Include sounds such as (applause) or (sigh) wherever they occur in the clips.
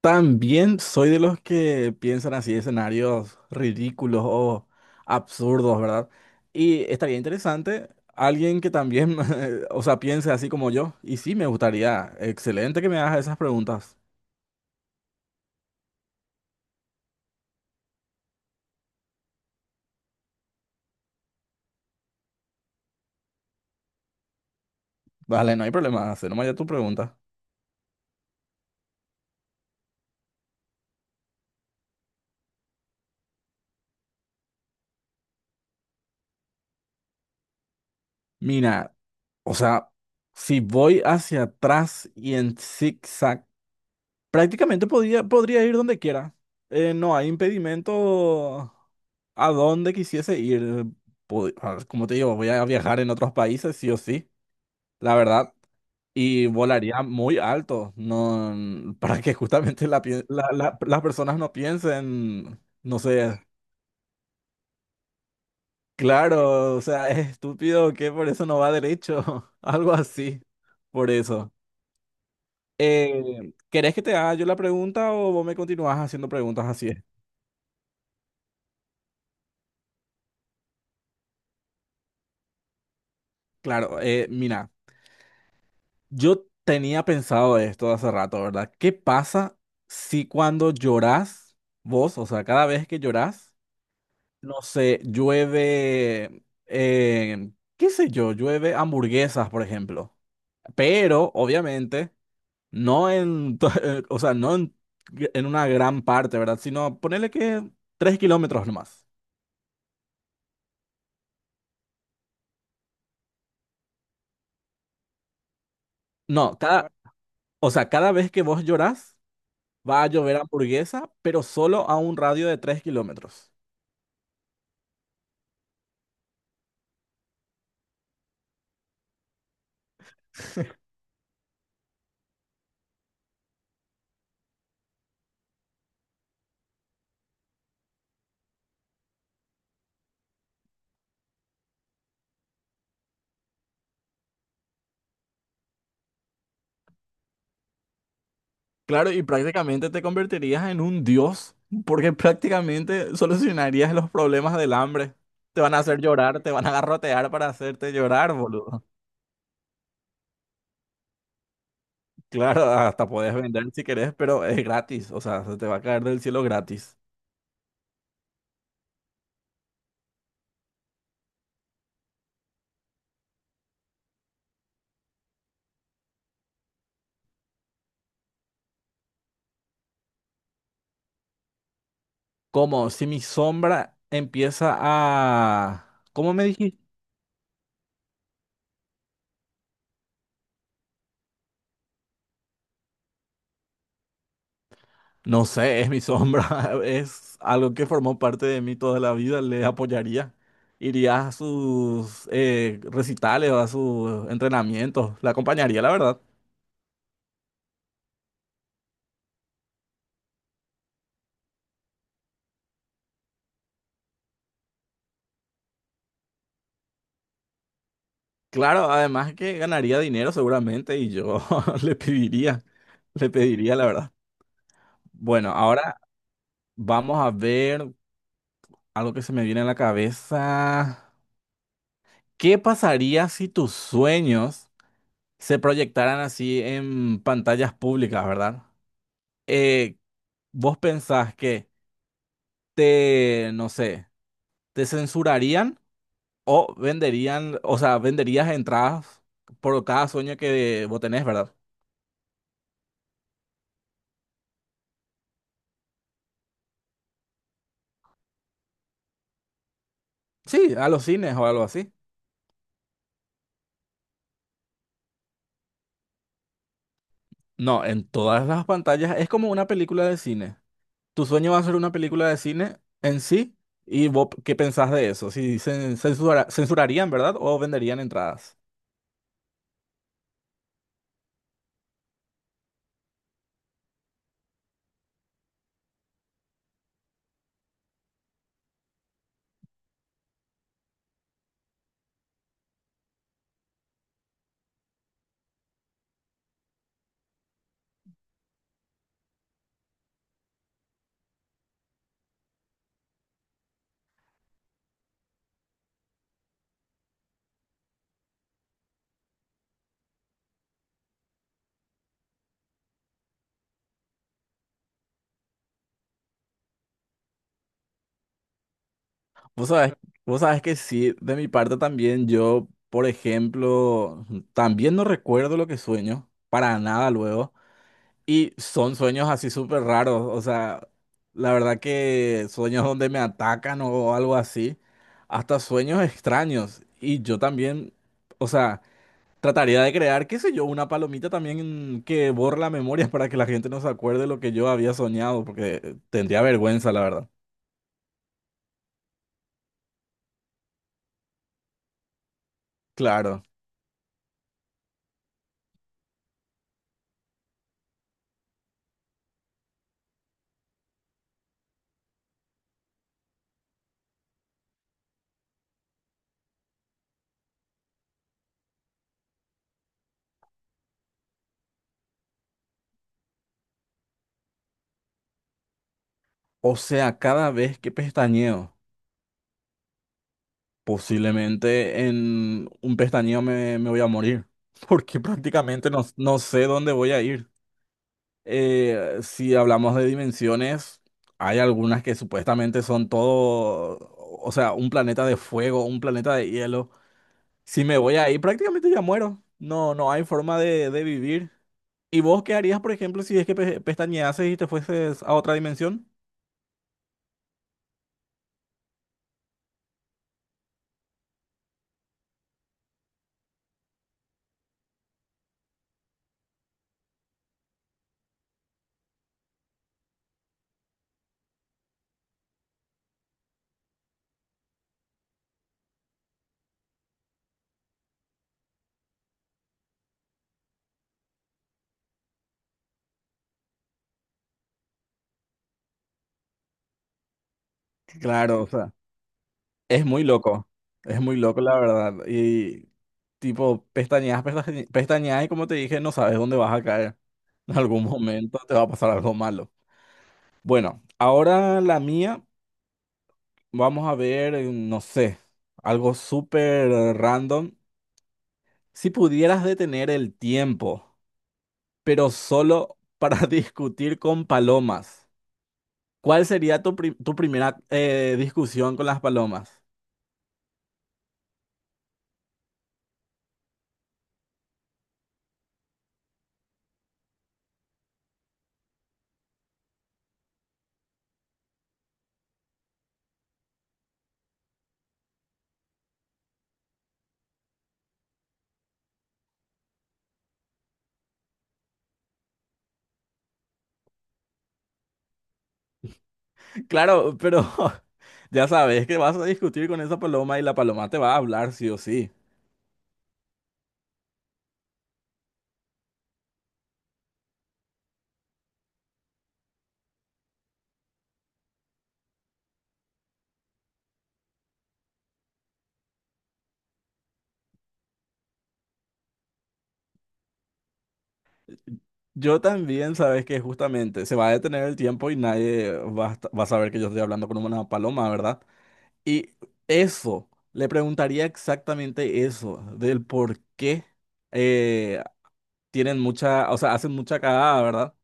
También soy de los que piensan así escenarios ridículos o absurdos, ¿verdad? Y estaría interesante alguien que también, (laughs) o sea, piense así como yo. Y sí, me gustaría. Excelente que me hagas esas preguntas. Vale, no hay problema, hacer nomás ya tu pregunta. Mira, o sea, si voy hacia atrás y en zigzag. Prácticamente podría ir donde quiera. No hay impedimento a donde quisiese ir. Po- a Como te digo, voy a viajar en otros países, sí o sí, la verdad. Y volaría muy alto, no, n- para que justamente la pie- la- la- las personas no piensen, no sé, claro, o sea, es estúpido que por eso no va derecho, (laughs) algo así, por eso. ¿Querés que te haga yo la pregunta o vos me continúas haciendo preguntas así? Claro, mira. Yo tenía pensado esto hace rato, ¿verdad? ¿Qué pasa si cuando llorás, vos, o sea, cada vez que llorás, no sé, llueve, qué sé yo, llueve hamburguesas, por ejemplo? Pero, obviamente, no en, to- (laughs) o sea, no en, en una gran parte, ¿verdad? Sino ponerle que 3 kilómetros nomás. No, cada, o sea, cada vez que vos llorás, va a llover hamburguesa, pero solo a un radio de 3 kilómetros. Claro, y prácticamente te convertirías en un dios, porque prácticamente solucionarías los problemas del hambre. Te van a hacer llorar, te van a garrotear para hacerte llorar, boludo. Claro, hasta puedes vender si querés, pero es gratis, o sea, se te va a caer del cielo gratis. ¿Cómo? Si mi sombra empieza a... ¿Cómo me dijiste? No sé, es mi sombra, (laughs) es algo que formó parte de mí toda la vida, le apoyaría. Iría a sus recitales o a sus entrenamientos, la acompañaría, la verdad. Claro, además que ganaría dinero seguramente y yo (laughs) le pediría, le pediría, la verdad. Bueno, ahora vamos a ver algo que se me viene a la cabeza. ¿Qué pasaría si tus sueños se proyectaran así en pantallas públicas, verdad? Eh, ¿Vos pensás que... te, no sé, te censurarían o venderían, o sea, venderías entradas por cada sueño que vos tenés, ¿verdad? Sí, a los cines o algo así. No, en todas las pantallas es como una película de cine. Tu sueño va a ser una película de cine en sí. ¿Y vos qué pensás de eso? Si cen- censura- Censurarían, ¿verdad? ¿O venderían entradas? Vos sabés, Vos sabés que sí, de mi parte también yo, por ejemplo, también no recuerdo lo que sueño, para nada luego. Y son sueños así súper raros, o sea, la verdad que sueños donde me atacan o algo así, hasta sueños extraños. Y yo también, o sea, trataría de crear, qué sé yo, una palomita también que borre la memoria (laughs) para que la gente no se acuerde lo que yo había soñado, porque tendría vergüenza, la verdad. Claro. O sea, cada vez que pestañeo, posiblemente en un pestañeo me voy a morir, (laughs) porque prácticamente no sé dónde voy a ir. Si hablamos de dimensiones, hay algunas que supuestamente son todo, o sea, un planeta de fuego, un planeta de hielo. Si me voy ahí, prácticamente ya muero. No hay forma de vivir. ¿Y vos qué harías, por ejemplo, si es que pestañeases y te fueses a otra dimensión? Claro, o sea, es muy loco. Es muy loco, la verdad. Y tipo, pestañeas y como te dije, no sabes dónde vas a caer. En algún momento te va a pasar algo malo. Bueno, ahora la mía. Vamos a ver, no sé, algo súper random. Si pudieras detener el tiempo, pero solo para (laughs) discutir con palomas, ¿cuál sería tu primera discusión con las palomas? Claro, pero (laughs) ya sabes que vas a discutir con esa paloma y la paloma te va a hablar sí o sí. Yo también sabes que justamente se va a detener el tiempo y nadie va a saber que yo estoy hablando con una paloma, ¿verdad? Y eso, le preguntaría exactamente eso, del por qué eh, tienen mucha, o sea, hacen mucha cagada, ¿verdad?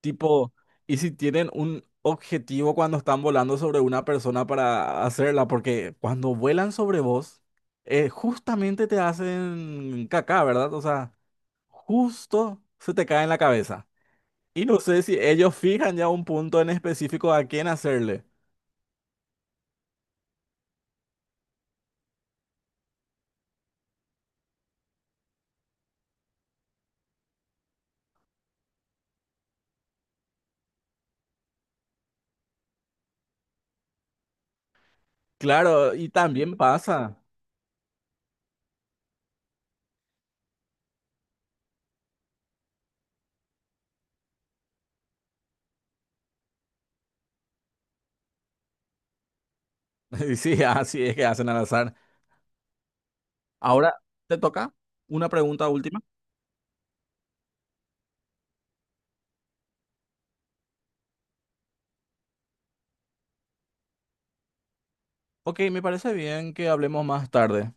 Tipo, y si tienen un objetivo cuando están volando sobre una persona para hacerla, porque cuando vuelan sobre vos, justamente te hacen caca, ¿verdad? O sea, justo se te cae en la cabeza. Y no sé si ellos fijan ya un punto en específico a quién hacerle. Claro, y también pasa. (laughs) Sí, así es que hacen al azar. Ahora te toca una pregunta última. Ok, me parece bien que hablemos más tarde.